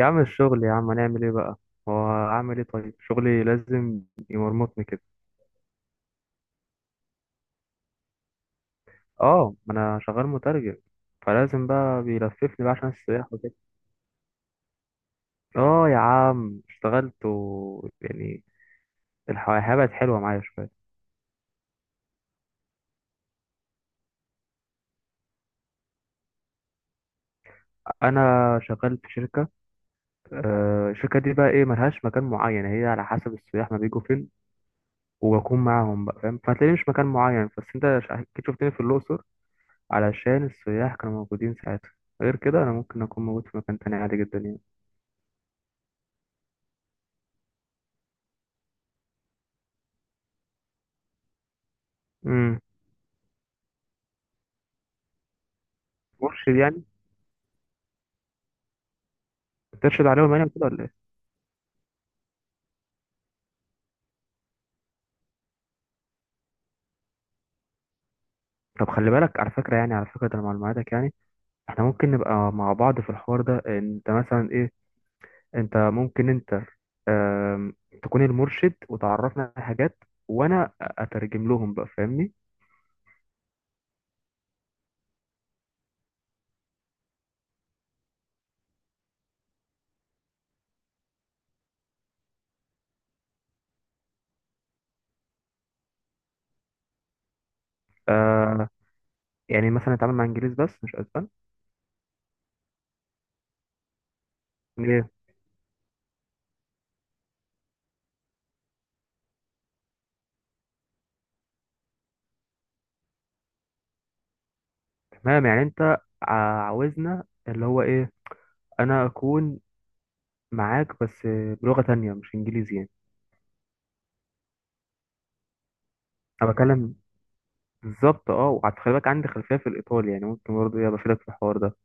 يا عم الشغل يا عم، هنعمل ايه بقى؟ هو اعمل ايه؟ طيب شغلي لازم يمرمطني كده. اه، ما انا شغال مترجم، فلازم بقى بيلففني بقى عشان السياح وكده. اه يا عم، اشتغلت و يعني الحياة بقت حلوة معايا شوية. انا شغال في شركة. الشركة دي بقى ايه، ملهاش مكان معين، هي على حسب السياح ما بيجوا فين، وبكون معاهم بقى فاهم، فتلاقيني مش مكان معين، بس انت اكيد شفتني في الاقصر علشان السياح كانوا موجودين ساعتها. غير كده انا ممكن اكون موجود في مكان تاني عادي جدا يعني. امم مرشد يعني، ترشد عليهم يعني كده ولا ايه؟ طب خلي بالك على فكره، يعني على فكره ده أنا معلوماتك يعني احنا ممكن نبقى مع بعض في الحوار ده. انت مثلا ايه، انت ممكن انت آم، تكون المرشد وتعرفنا على حاجات وانا اترجم لهم بقى، فاهمني؟ آه، يعني مثلا نتعامل مع انجليز بس مش اسبان. ايه. تمام يعني انت عاوزنا اللي هو ايه، انا اكون معاك بس بلغه تانية مش انجليزي يعني. انا بكلم بالظبط اه، وخلي بالك عندي خلفيه في الايطالي، يعني ممكن برضه ايه بفيدك في الحوار ده.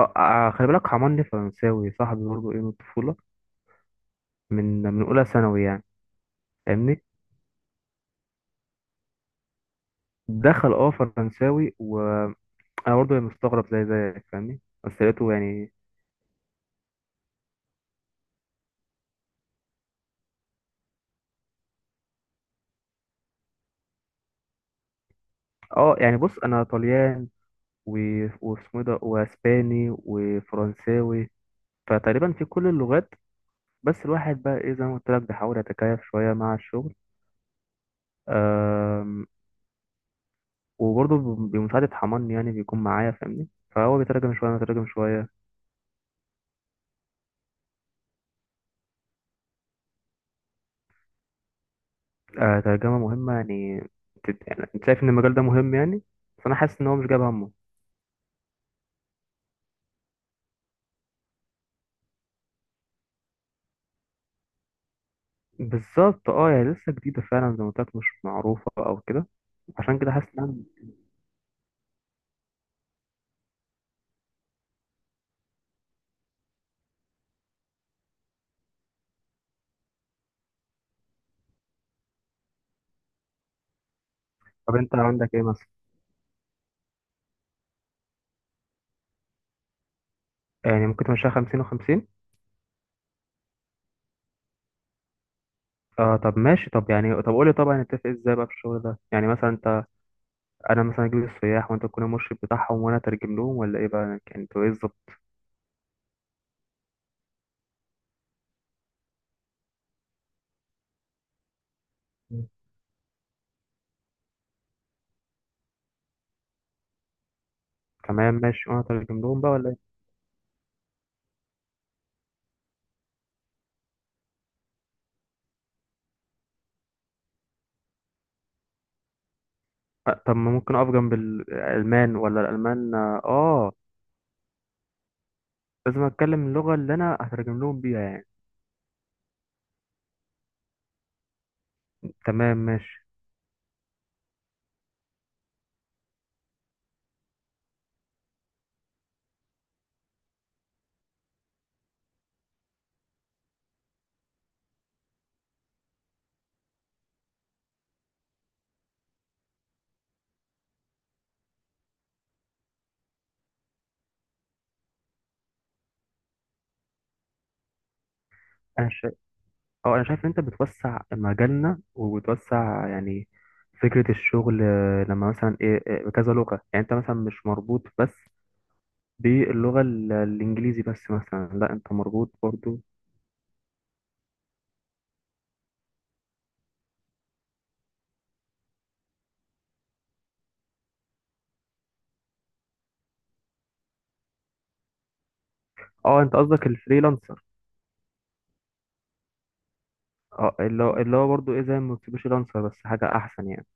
اه خلي بالك حماني فرنساوي، صاحبي برضه ايه من الطفوله، من اولى ثانوي يعني. فاهمني، دخل اه فرنساوي، وانا برضه يعني مستغرب زي زيك فاهمني، بس لقيته يعني اه. يعني بص، انا طليان واسمه إيه ده، واسباني وفرنساوي، فتقريبا في كل اللغات. بس الواحد بقى ايه زي ما قلت لك بيحاول يتكيف شويه مع الشغل، وبرضه بمساعدة حماني يعني، بيكون معايا فاهمني، فهو بيترجم شوية أنا بترجم شوية. آه، ترجمة مهمة يعني، يعني أنت شايف إن المجال ده مهم يعني، بس أنا حاسس إن هو مش جايب همه. بالظبط، أه يعني لسه جديدة فعلا زي ما قلت لك، مش معروفة أو كده. عشان كده حاسس إن طب أنت عندك إيه مثلا؟ يعني ممكن تمشيها 50 و50. اه طب ماشي، طب يعني، طب قولي طبعا نتفق ازاي بقى في الشغل ده؟ يعني مثلا انت، انا مثلا اجيب السياح وانت تكون المرشد بتاعهم وانا اترجم لهم، ولا ايه بقى يعني انتوا ايه الظبط؟ تمام ماشي، وانا اترجم لهم بقى ولا؟ أه، طب ما ممكن اقف جنب الالمان؟ ولا الالمان اه لازم اتكلم اللغه اللي انا هترجم لهم بيها يعني. تمام ماشي. انا شايف، اه انا شايف ان انت بتوسع مجالنا وبتوسع يعني فكره الشغل. لما مثلا ايه بكذا لغه يعني، انت مثلا مش مربوط بس الانجليزي بس مثلا، لا انت مربوط برضو. اه انت قصدك الفريلانسر. اه، اللي هو اللي هو برضو ايه زي ما قلت لانسر، بس حاجه احسن يعني.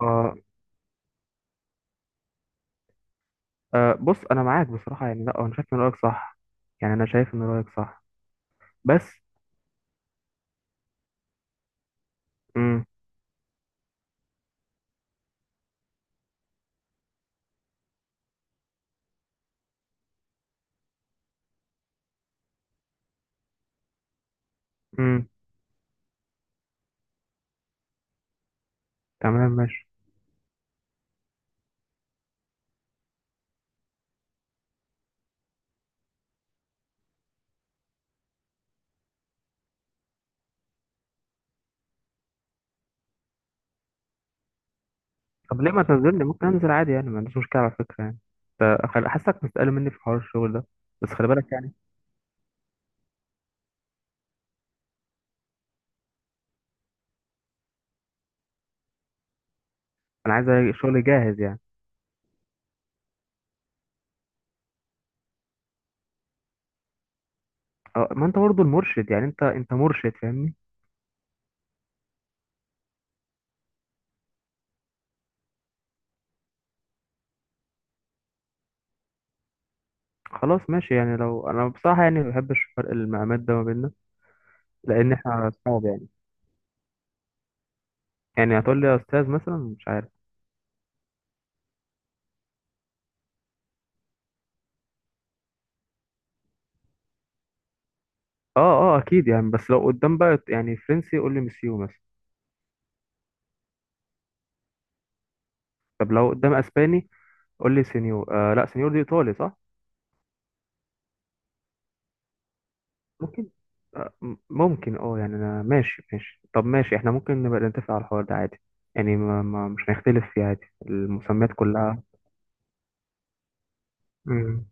اه أه بص انا معاك بصراحه يعني، لا انا شايف ان رايك صح، يعني انا شايف ان رايك صح بس. امم امم تمام ماشي. طب ليه ما تنزلني؟ ممكن انزل عادي يعني، ما عنديش مشكله على فكره يعني. حاسسك مستقل مني في حوار الشغل ده، بس خلي بالك يعني. انا عايز شغل جاهز يعني. أه، ما انت برضه المرشد، يعني انت مرشد فاهمني. خلاص ماشي يعني، لو انا بصراحه يعني ما بحبش فرق المقامات ده ما بيننا، لان احنا اصحاب يعني. يعني هتقول لي يا استاذ مثلا، مش عارف. اه اه اكيد يعني، بس لو قدام بقى يعني فرنسي قول لي مسيو مثلا. طب لو قدام اسباني قول لي سينيور. آه لا، سينيور دي ايطالي صح؟ ممكن. آه ممكن اه يعني انا ماشي ماشي. طب ماشي، احنا ممكن نبقى نتفق على الحوار ده عادي يعني، ما مش هنختلف فيه عادي، المسميات كلها. مم،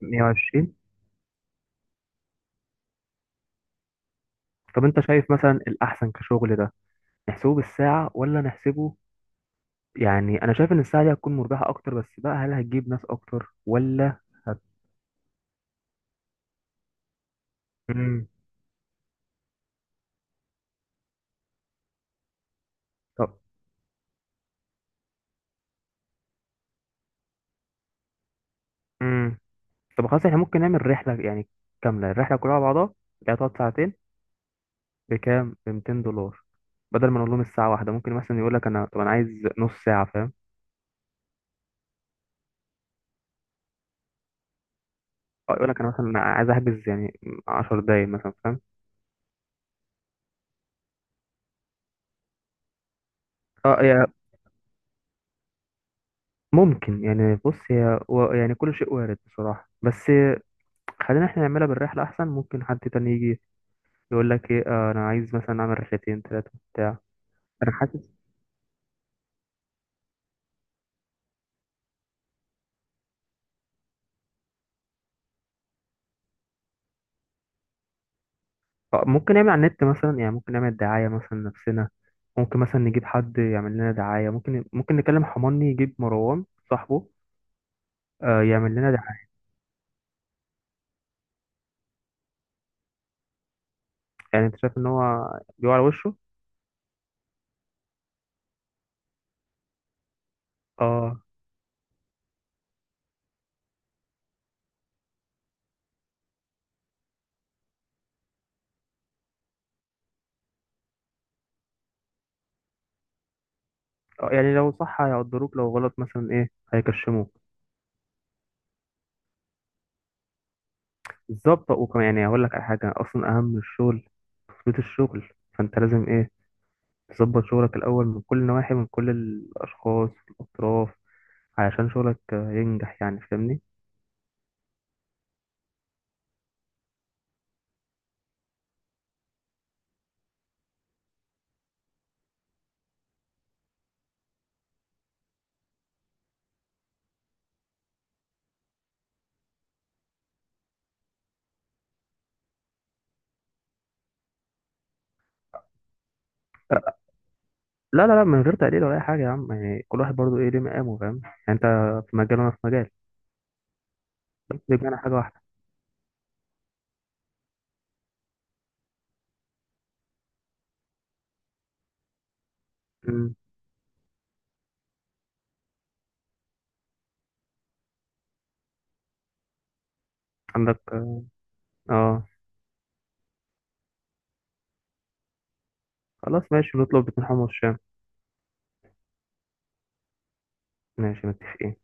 120. طب انت شايف مثلا الاحسن كشغل ده، نحسبه بالساعة ولا نحسبه؟ يعني انا شايف ان الساعة دي هتكون مربحة اكتر، بس بقى هل هتجيب ناس اكتر ولا؟ هت... مم. طب. مم. طب خلاص احنا ممكن نعمل رحلة يعني، كاملة الرحلة كلها على بعضها، اللي هتقعد ساعتين، بكام؟ ب 200 دولار، بدل ما نقول لهم الساعه واحده ممكن مثلا يقول لك انا، طب انا عايز نص ساعه فاهم؟ أو يقول لك انا مثلا انا عايز احجز يعني 10 دقايق مثلا فاهم. اه يا، ممكن يعني. بص هي يعني كل شيء وارد بصراحه، بس خلينا احنا نعملها بالرحله احسن، ممكن حد تاني يجي يقول لك ايه آه انا عايز مثلا اعمل رحلتين ثلاثه بتاع. انا حاسس. ممكن نعمل على النت مثلا يعني، ممكن نعمل دعايه مثلا نفسنا، ممكن مثلا نجيب حد يعمل لنا دعايه، ممكن نكلم حماني يجيب مروان صاحبه يعمل لنا. يعني انت شايف ان هو بيقع على وشه؟ اه يعني لو صح هيقدروك، لو غلط مثلا ايه هيكشموك. بالظبط، وكمان يعني هقول لك على حاجه اصلا اهم من الشغل، تثبيت الشغل. فانت لازم ايه تظبط شغلك الاول من كل النواحي، من كل الاشخاص الاطراف، علشان شغلك ينجح يعني فاهمني. لا لا لا، من غير تقليل ولا اي حاجه يا عم، يعني كل واحد برضو ايه ليه مقامه فاهم، يعني انت في مجال وانا في مجال، بس بيجمعنا حاجه واحده. مم. عندك اه. آه. خلاص ماشي، نطلب باتنين حمص الشام. ماشي، متفقين.